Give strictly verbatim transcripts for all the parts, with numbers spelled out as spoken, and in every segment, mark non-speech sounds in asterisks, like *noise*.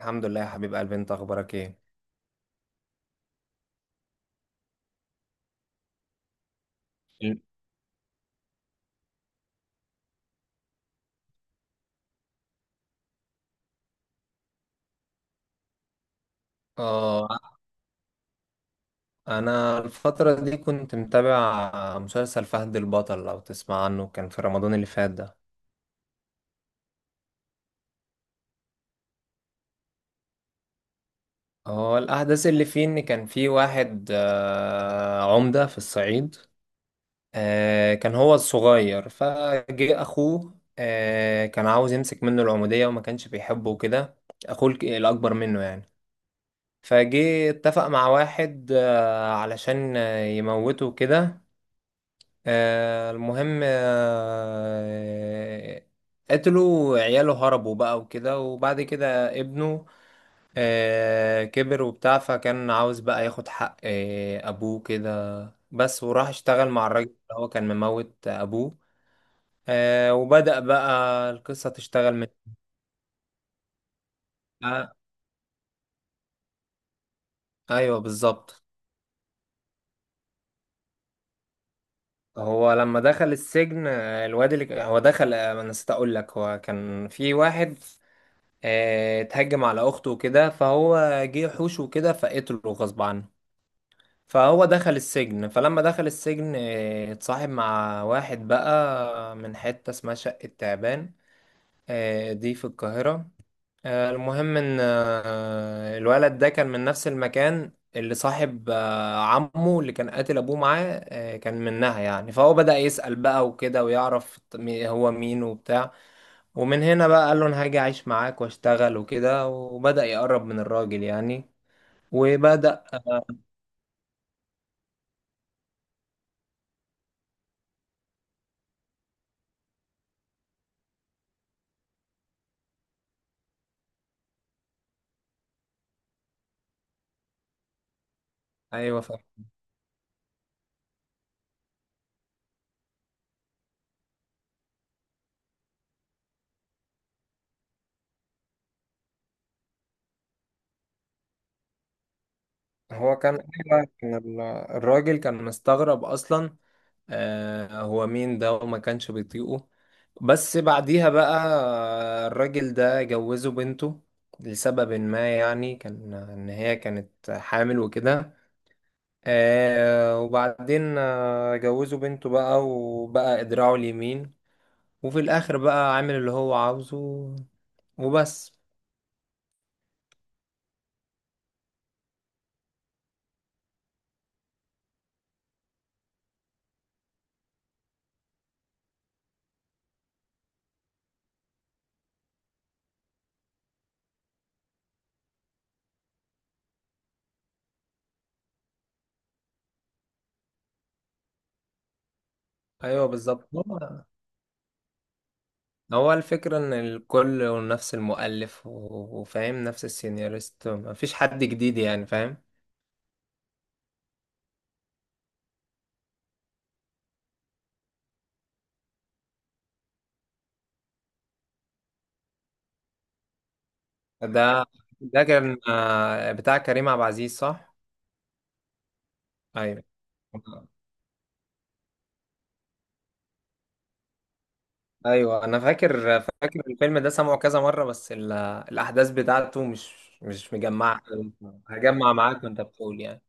الحمد لله يا حبيب قلبي، انت اخبارك ايه؟ ال- اه انا الفترة دي كنت متابع مسلسل فهد البطل، لو تسمع عنه، كان في رمضان اللي فات ده. اه، الاحداث اللي فيه ان كان في واحد آه، عمدة في الصعيد. آه، كان هو الصغير، فجه اخوه. آه، كان عاوز يمسك منه العمودية وما كانش بيحبه وكده. اخوه الك- الاكبر منه يعني. فجه اتفق مع واحد آه، علشان آه، يموته كده. آه المهم، آه قتلوا عياله، هربوا بقى وكده. وبعد كده ابنه آه كبر وبتاع، فكان عاوز بقى ياخد حق آه أبوه كده، بس. وراح اشتغل مع الراجل اللي هو كان مموت أبوه. آه وبدأ بقى القصة تشتغل من آه أيوه بالظبط. هو لما دخل السجن، آه، الواد اللي ك- هو دخل. آه، انا نسيت اقول لك، هو كان في واحد آه، اتهجم على اخته وكده، فهو جه حوش وكده فقتله غصب عنه. فهو دخل السجن. فلما دخل السجن آه، اتصاحب مع واحد بقى من حتة اسمها شقة تعبان. آه، دي في القاهرة. آه، المهم ان آه، الولد ده كان من نفس المكان اللي صاحب آه، عمه اللي كان قاتل ابوه معاه، آه، كان منها يعني. فهو بدأ يسأل بقى وكده ويعرف هو مين وبتاع. ومن هنا بقى قال له انا هاجي اعيش معاك واشتغل وكده، وبدأ يقرب من الراجل يعني. وبدأ. ايوه فاهم. هو كان أيوة، كان ال- الراجل كان مستغرب اصلا. آه، هو مين ده؟ وما كانش بيطيقه. بس بعديها بقى آه، الراجل ده جوزه بنته لسبب ما، يعني كان ان هي كانت حامل وكده. آه وبعدين آه، جوزه بنته بقى وبقى ادراعه اليمين. وفي الاخر بقى عامل اللي هو عاوزه، وبس. ايوه بالظبط. هو هو الفكرة ان الكل نفس المؤلف، و- وفاهم نفس السيناريست، مفيش حد جديد، يعني فاهم؟ ده ده كان آه، بتاع كريم عبد العزيز، صح؟ ايوه ايوه، انا فاكر فاكر الفيلم ده، سمعه كذا مرة، بس ال- الاحداث بتاعته مش مش مجمعة. هجمع معاك وانت بتقول يعني.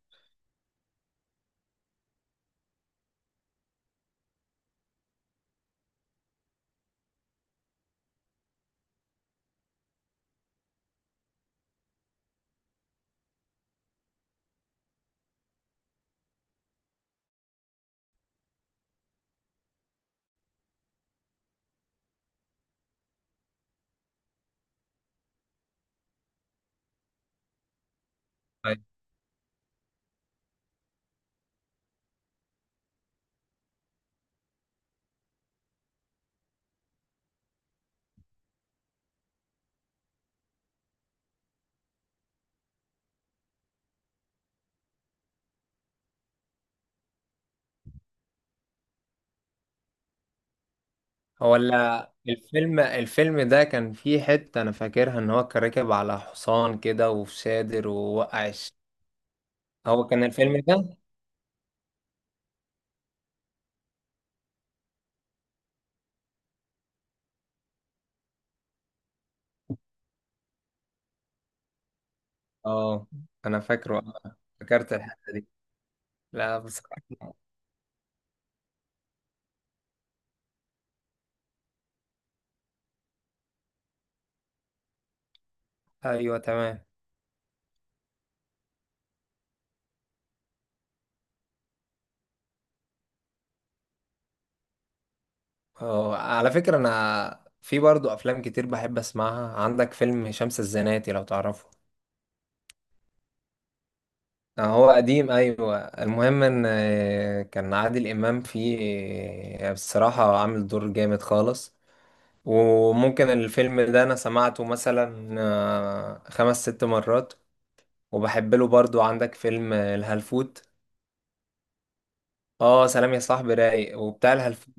هو ال- الفيلم الفيلم ده كان فيه حتة أنا فاكرها، إن هو كان راكب على حصان كده وفي شادر، ووقع الش... هو كان الفيلم ده؟ اه أنا فاكره، آه، فكرت الحتة دي. لا بصراحة. أيوه تمام. اه على فكرة، أنا في برضو أفلام كتير بحب أسمعها. عندك فيلم شمس الزناتي، لو تعرفه. آه، هو قديم، أيوه. المهم إن آه، كان عادل إمام فيه. آه، بصراحة عامل دور جامد خالص. وممكن الفيلم ده انا سمعته مثلا آه، خمس ست مرات. وبحب له برضو. عندك فيلم آه، الهلفوت. اه، سلام يا صاحبي رايق، وبتاع الهلفوت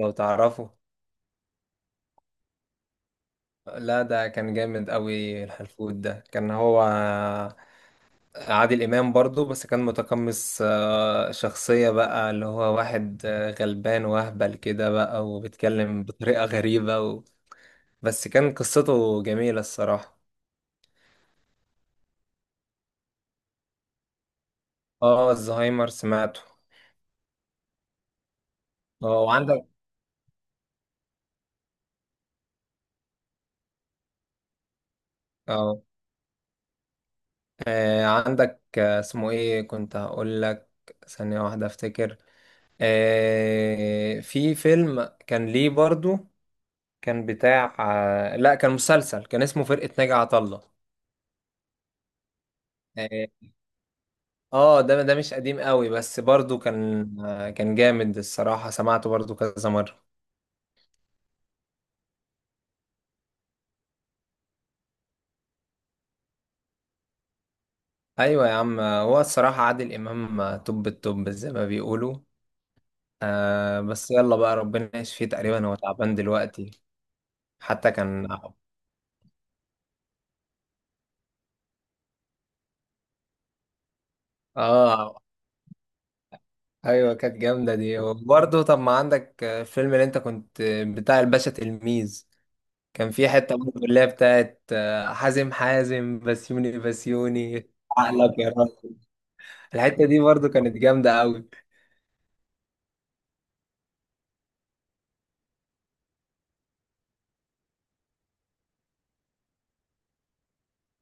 لو تعرفه. لا، ده كان جامد قوي الهلفوت ده، كان هو آه، عادل امام برضو، بس كان متقمص آه، شخصية بقى اللي هو واحد آه، غلبان واهبل كده بقى، وبيتكلم بطريقة غريبة و... بس كان قصته جميلة الصراحة. اه الزهايمر سمعته. اه وعندك. اه آه، عندك آه، اسمه ايه كنت هقول لك؟ ثانية واحدة افتكر. آه، في فيلم كان ليه برضو، كان بتاع آه، لا كان مسلسل، كان اسمه فرقة ناجي عطا الله. اه. آه، ده ده مش قديم قوي، بس برضو كان آه، كان جامد الصراحة، سمعته برضو كذا مرة. ايوه يا عم. آه، هو الصراحة عادل امام آه، توب التوب، زي ما بيقولوا. آه بس يلا بقى، ربنا يشفيه، تقريبا هو تعبان دلوقتي. حتى كان. اه، ايوه كانت جامده دي. وبرضه طب ما عندك الفيلم اللي انت كنت، بتاع الباشا تلميذ. كان في حته برضه اللي هي بتاعت حازم حازم بسيوني بسيوني. عقلك يا راجل. الحته دي برضه كانت جامده قوي.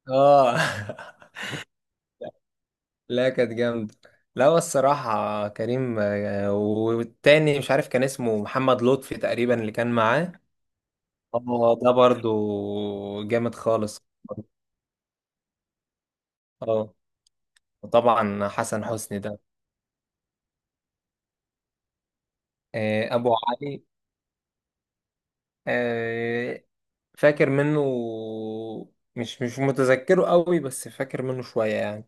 اه. *laughs* لا كانت جامده. لا، هو الصراحه كريم، آه، والتاني مش عارف كان اسمه محمد لطفي تقريبا، اللي كان معاه. اه ده برضه جامد خالص. اه. وطبعا حسن حسني ده. آه، ابو علي، آه، فاكر منه، مش مش متذكره قوي، بس فاكر منه شوية يعني.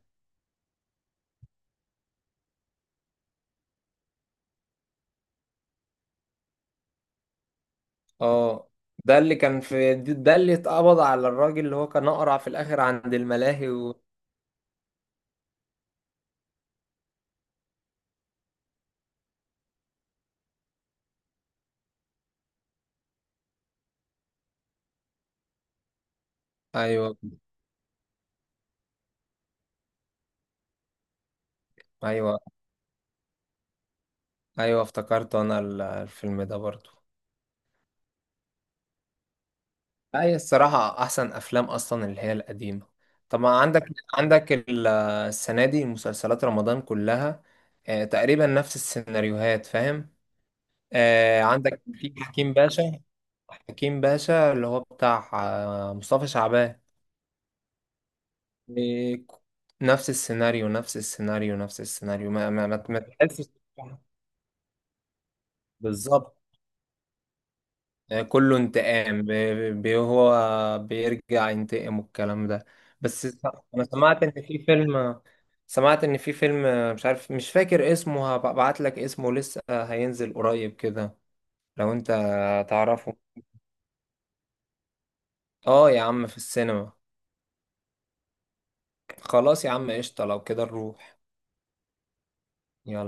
اه ده اللي كان في، ده اللي اتقبض على الراجل اللي هو كان اقرع في الاخر عند الملاهي و... ايوه ايوه. ايوه افتكرت انا ال- الفيلم ده برضو. لا، هي الصراحة احسن افلام اصلا اللي هي القديمة. طبعا عندك، عندك ال- السنة دي مسلسلات رمضان كلها آه، تقريبا نفس السيناريوهات، فاهم؟ آه عندك في حكيم باشا. حكيم باشا اللي هو بتاع آه، مصطفى شعبان. إيه، نفس السيناريو نفس السيناريو نفس السيناريو، ما ما ما ما تحسش؟ بالظبط. آه، كله انتقام، بي بي- هو بيرجع ينتقم والكلام ده. بس س- انا سمعت ان في فيلم، سمعت ان في فيلم آه، مش عارف، مش فاكر اسمه، هبعت لك اسمه، لسه هينزل قريب كده، لو انت تعرفه. اه يا عم في السينما. خلاص يا عم، قشطة لو كده نروح. يلا.